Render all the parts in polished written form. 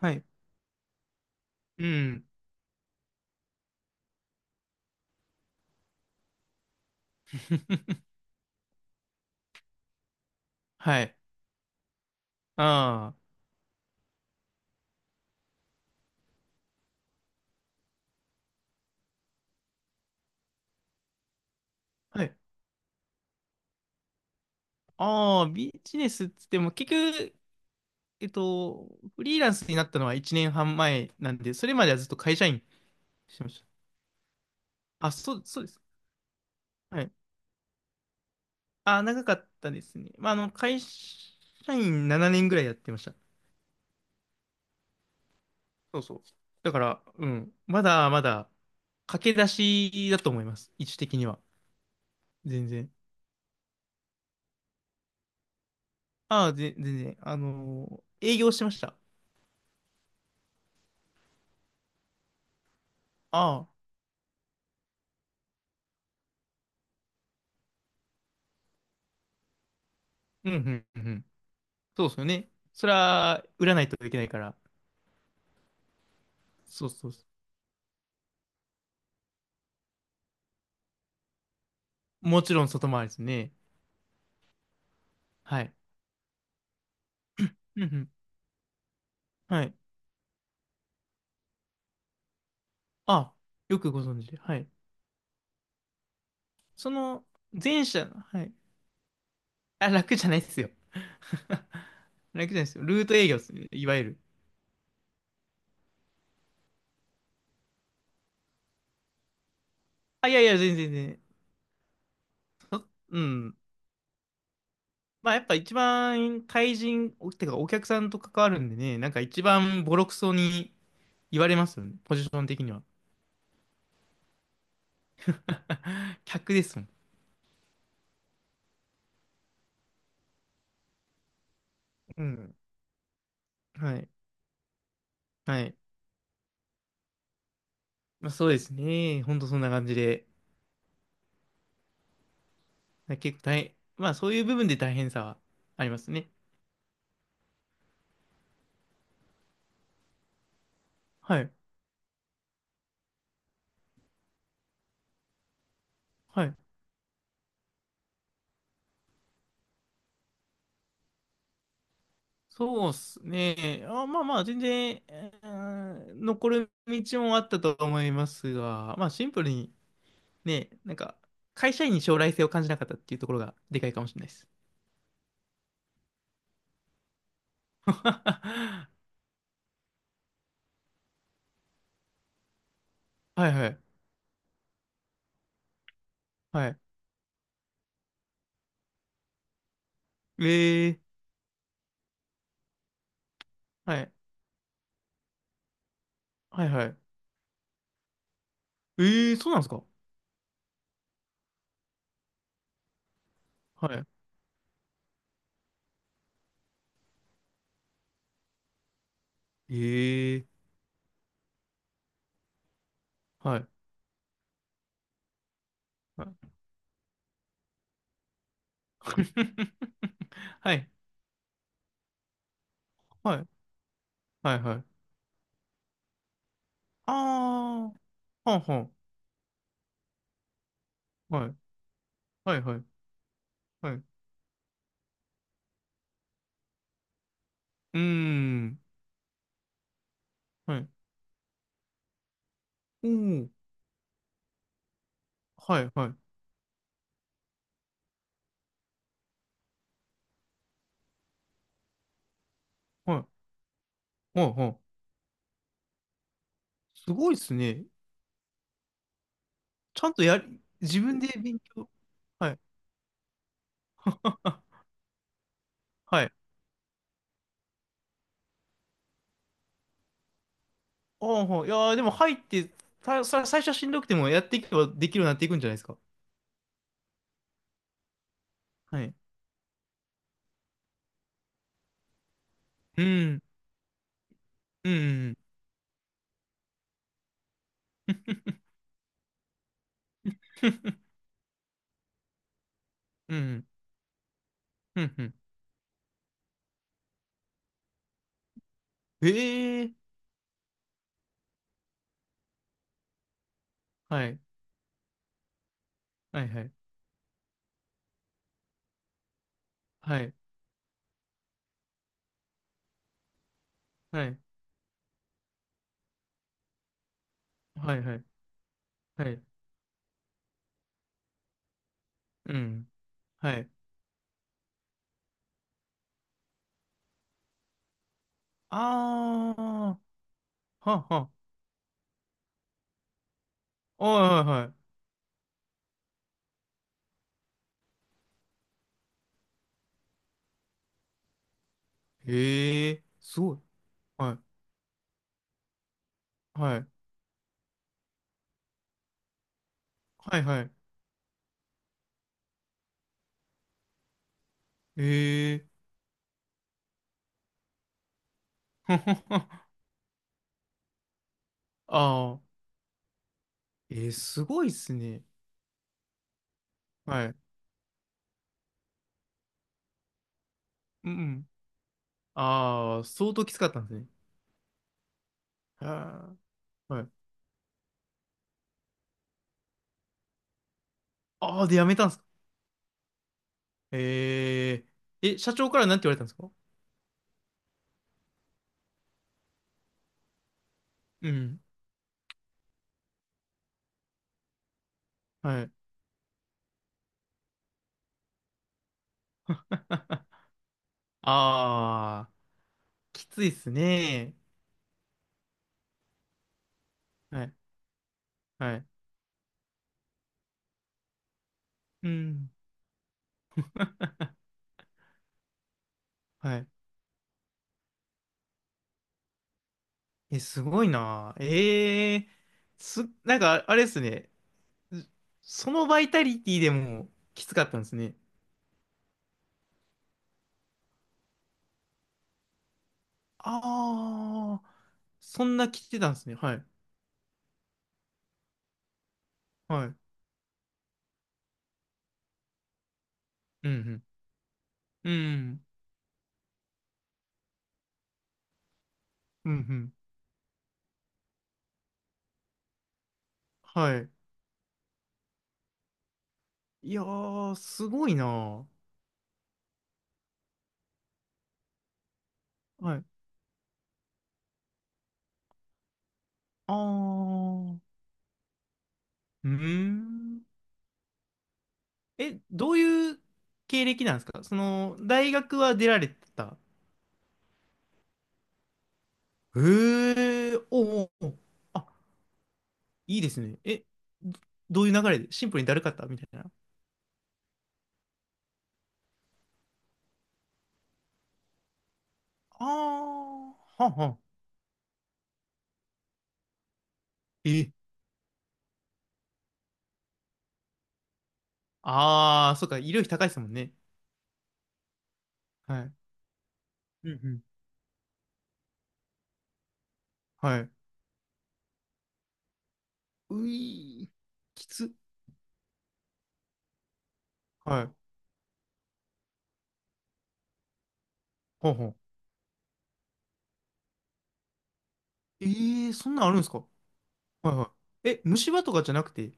はい。うん。はい。ああ。はい。ああ、ビジネスっつっても、結局、フリーランスになったのは1年半前なんで、それまではずっと会社員してました。あ、そう、そうです。はい。ああ、長かったですね。まあ、会社員7年ぐらいやってました。そうそう。だから、うん。まだまだ、駆け出しだと思います。位置的には。全然。ああ、全然。営業してました。ああ。うん、うん、うん。そうですよね。それは、売らないといけないから。そうそうそう。もちろん外回りですね。はい。うんうん。はい。あ、よくご存知で。はい。その、前者、はい。あ、楽じゃないですよ。楽じゃないですよ。ルート営業ですね。いわゆる。あ、いやいや、全然全然。うん。まあ、やっぱ一番、対人、おてかお客さんと関わるんでね、なんか一番ボロクソに言われますよね。ポジション的には。客ですもん。うん。はい。はい。まあ、そうですね。ほんとそんな感じで。結構大変、まあそういう部分で大変さはありますね。はい。はい。そうっすね。あ、まあまあ、全然、残る道もあったと思いますが、まあシンプルにね、なんか、会社員に将来性を感じなかったっていうところがでかいかもしれないです。はいはい。はい。えー、はい。はいはい。えー、そうなんですか。はい。えー、はい。はい。はい。はい。はいはい。ああ、はんはん。はい。はい、はい、はい。うーん。はい。うん。はい、はい、はい。はい、はい。すごいですね。ちゃんとやり、自分で勉強。はい。はい。ああ、はい、いやーでも入って、最初はしんどくてもやっていけばできるようになっていくんじゃないですか。はい。うん。うん。うん。うん。うん。ええー。はい。はい、はい。はい。はい。はい、はい。はい。うん。はい。ああ。はあはあ、はいはいはい。へえ、すごい。はい、はい、はい、はい。へえ、ああ、えー、すごいっすね。はい。うんうん。ああ、相当きつかったんですね。ああ、はい。ああ、で、やめたんですか。ええ、え、社長からなんて言われたんですか。うん。はい。ああ、きついっすね。はい、はい。うん。はい。え、すごいな。ええ、なんか、あれっすね。そのバイタリティでもきつかったんですね。ああ、そんな来てたんですね。はい。はい。うん、うん。うん、うん、うん。はい。いやー、すごいなー。はい。あー、うーん。え、どういう経歴なんですか。その、大学は出られてた。へえ、おうおう、おう、あ、いいですね。え、どどういう流れでシンプルにだるかったみたいな。あー、はんはん。え、ああ、そっか、医療費高いですもんね。はい。うんうん。はい。ういー、きつ。はい。ほうほう。ええー、そんなんあるんですか。はいはい。え、虫歯とかじゃなくて。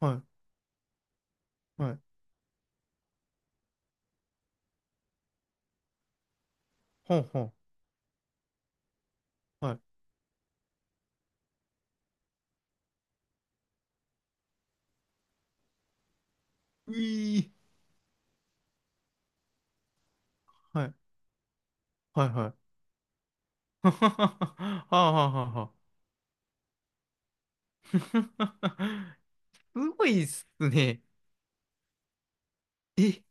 はい。はい。ほうほう。はい。ういー、はい。はいはい。はははははははは。すごいっすね。え、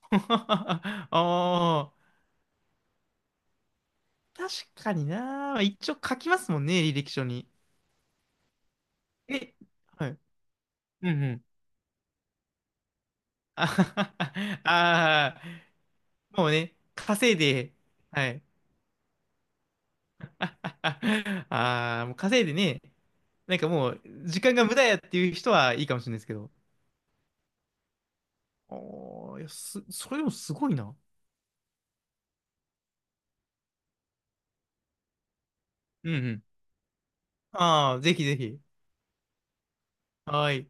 ああー、確かにな。一応書きますもんね、履歴書に。え、はい。うんうん。あはは、はあー、もうね、稼いで、はい。ああ、もう稼いでね、なんかもう、時間が無駄やっていう人はいいかもしれないですけど。ああ、いや、それでもすごいな。うんうん。ああ、ぜひぜひ。はい。